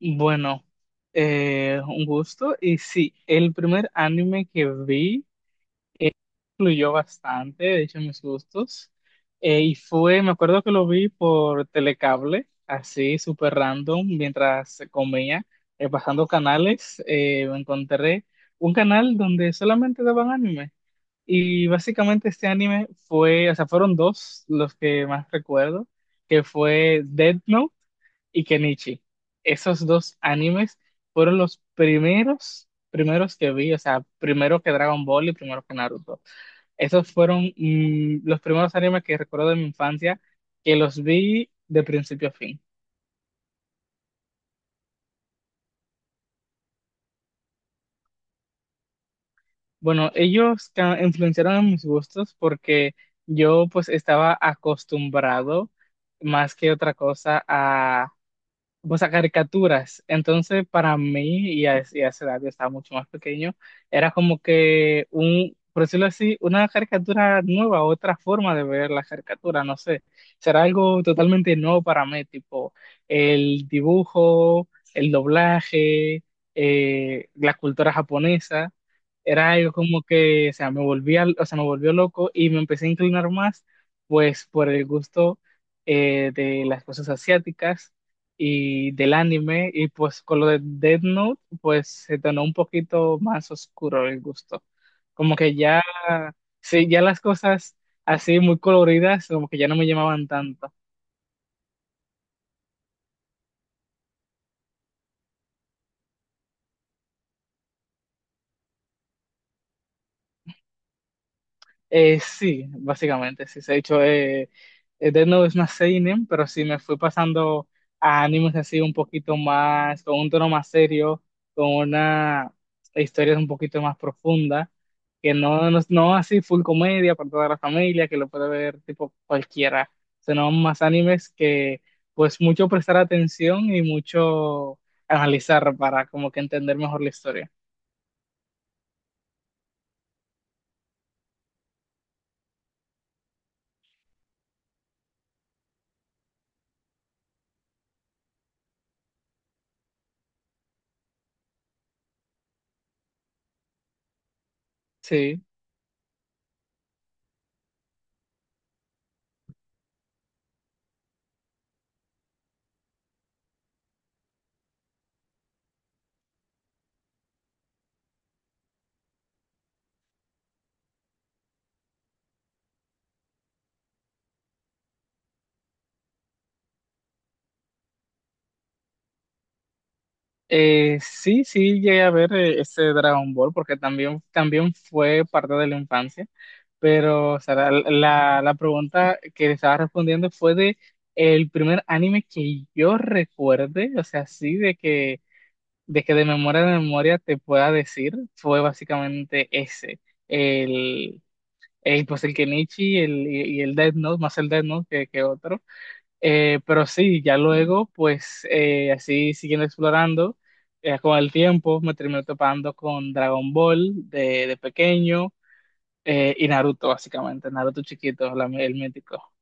Bueno, un gusto. Y sí, el primer anime que vi influyó bastante, de hecho, en mis gustos. Me acuerdo que lo vi por telecable, así, súper random, mientras comía, pasando canales, me encontré un canal donde solamente daban anime. Y básicamente este anime fue, o sea, fueron dos los que más recuerdo, que fue Death Note y Kenichi. Esos dos animes fueron los primeros que vi, o sea, primero que Dragon Ball y primero que Naruto. Esos fueron los primeros animes que recuerdo de mi infancia, que los vi de principio a fin. Bueno, influenciaron en mis gustos porque yo pues estaba acostumbrado más que otra cosa, o sea, caricaturas. Entonces, para mí, y a esa edad yo estaba mucho más pequeño, era como que un, por decirlo así, una caricatura nueva, otra forma de ver la caricatura, no sé. Será algo totalmente nuevo para mí, tipo el dibujo, el doblaje, la cultura japonesa. Era algo como que, o sea, me volvió loco y me empecé a inclinar más, pues, por el gusto de las cosas asiáticas y del anime, y pues con lo de Death Note, pues se tornó un poquito más oscuro el gusto. Como que ya, sí, ya las cosas así muy coloridas, como que ya no me llamaban tanto. Sí, básicamente, sí. De hecho, Death Note es más seinen, pero sí me fui pasando a animes así un poquito más, con un tono más serio, con una historia un poquito más profunda, que no así full comedia para toda la familia, que lo puede ver tipo cualquiera, sino más animes que pues mucho prestar atención y mucho analizar para como que entender mejor la historia. Sí. Sí, llegué a ver ese Dragon Ball porque también fue parte de la infancia, pero o sea, la pregunta que le estaba respondiendo fue de el primer anime que yo recuerde, o sea, sí, de que de memoria te pueda decir, fue básicamente ese, el, pues el Kenichi el, y el Death Note, más el Death Note que otro. Pero sí, ya luego, pues así siguiendo explorando, con el tiempo me terminé topando con Dragon Ball de pequeño, y Naruto, básicamente, Naruto chiquito, el mítico.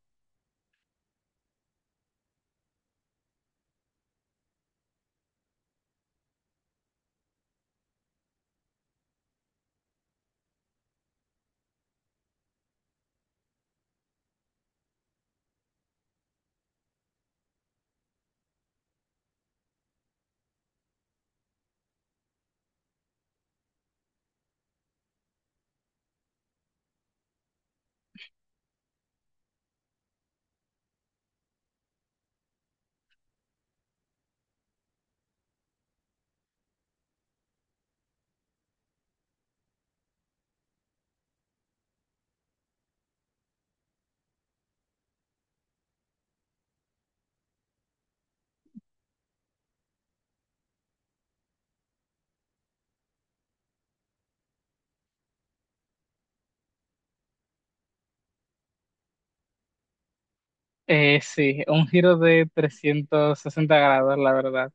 Sí, un giro de 360 grados, la verdad,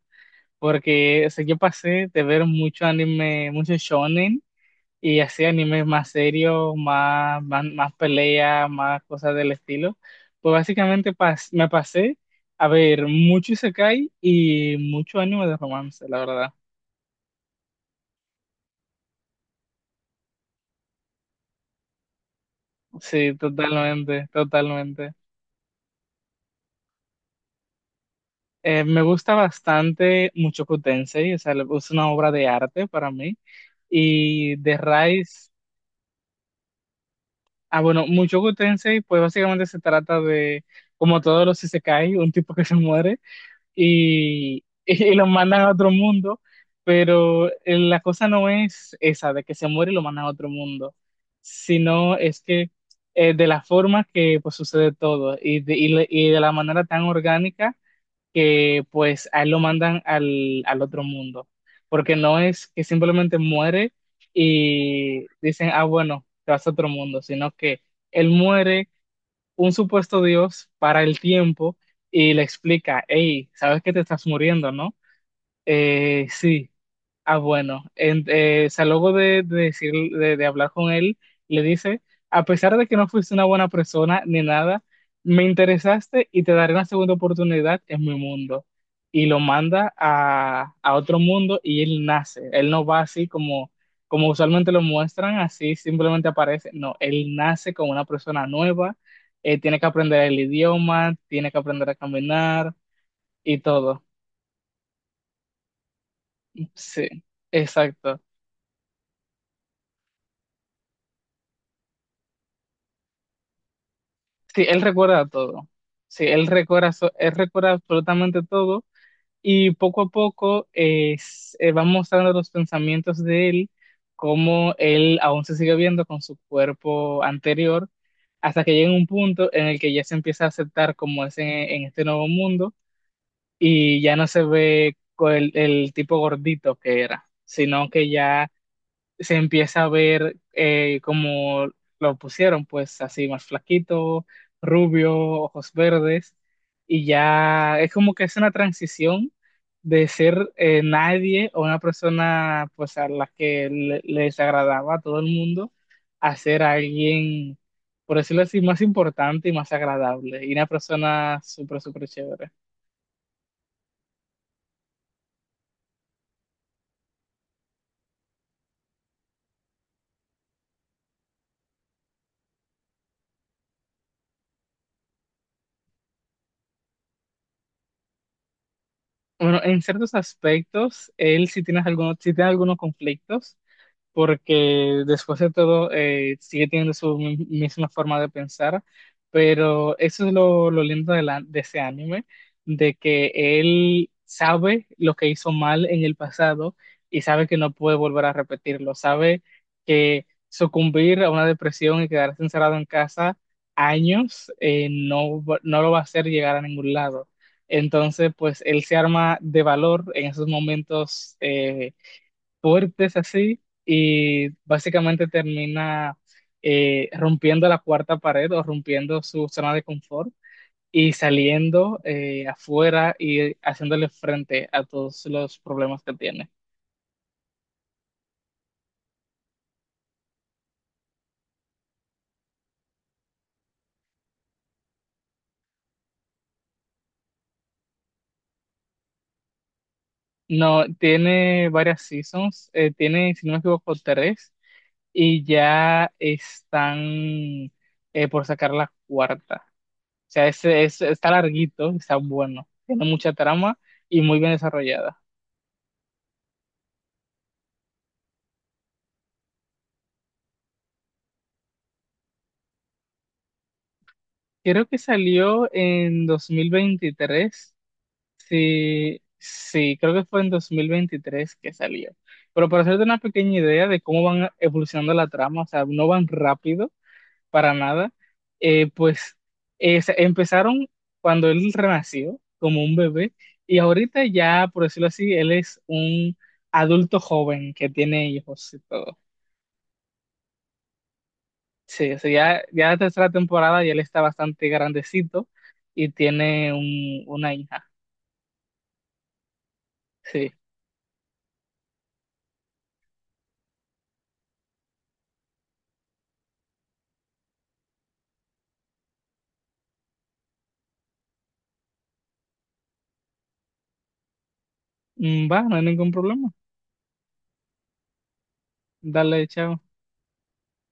porque o sea, yo pasé de ver mucho anime, mucho shonen y así animes más serios, más peleas, más cosas del estilo. Pues me pasé a ver mucho Isekai y mucho anime de romance, la verdad. Sí, totalmente, totalmente. Me gusta bastante Mushoku Tensei, o sea, es una obra de arte para mí. Y de Rise, ah, bueno, Mushoku Tensei, pues básicamente se trata de, como todos los Isekai, un tipo que se muere y, y lo mandan a otro mundo, pero la cosa no es esa, de que se muere y lo mandan a otro mundo, sino es que de la forma que pues sucede todo y de la manera tan orgánica que pues a él lo mandan al otro mundo, porque no es que simplemente muere y dicen, ah, bueno, te vas a otro mundo, sino que él muere un supuesto Dios para el tiempo y le explica, hey, sabes que te estás muriendo, ¿no? Sí. Ah, bueno, de decir, de hablar con él, le dice, a pesar de que no fuiste una buena persona ni nada, me interesaste y te daré una segunda oportunidad en mi mundo. Y lo manda a otro mundo y él nace. Él no va así como, como usualmente lo muestran, así simplemente aparece. No, él nace como una persona nueva, tiene que aprender el idioma, tiene que aprender a caminar y todo. Sí, exacto. Sí, él recuerda todo. Sí, él recuerda, él recuerda absolutamente todo y poco a poco van mostrando los pensamientos de él, cómo él aún se sigue viendo con su cuerpo anterior, hasta que llega un punto en el que ya se empieza a aceptar como es en este nuevo mundo y ya no se ve el tipo gordito que era, sino que ya se empieza a ver como lo pusieron, pues así más flaquito, rubio, ojos verdes, y ya es como que es una transición de ser nadie o una persona pues a la que les agradaba a todo el mundo a ser alguien, por decirlo así, más importante y más agradable, y una persona súper, súper chévere. Bueno, en ciertos aspectos, él sí tiene algunos conflictos, porque después de todo sigue teniendo su misma forma de pensar, pero eso es lo lindo de, de ese anime, de que él sabe lo que hizo mal en el pasado y sabe que no puede volver a repetirlo, sabe que sucumbir a una depresión y quedarse encerrado en casa años no lo va a hacer llegar a ningún lado. Entonces, pues él se arma de valor en esos momentos fuertes así y básicamente termina rompiendo la cuarta pared o rompiendo su zona de confort y saliendo afuera y haciéndole frente a todos los problemas que tiene. No, tiene varias seasons, tiene, si no me equivoco, tres y ya están por sacar la cuarta. O sea, ese es, está larguito, está bueno, tiene mucha trama y muy bien desarrollada. Creo que salió en 2023. Sí, sí, creo que fue en 2023 que salió. Pero para hacerte una pequeña idea de cómo van evolucionando la trama, o sea, no van rápido para nada, pues empezaron cuando él renació como un bebé y ahorita ya, por decirlo así, él es un adulto joven que tiene hijos y todo. Sí, o sea, ya, ya la tercera temporada y él está bastante grandecito y tiene un, una hija. Sí. Va, no hay ningún problema. Dale, chao.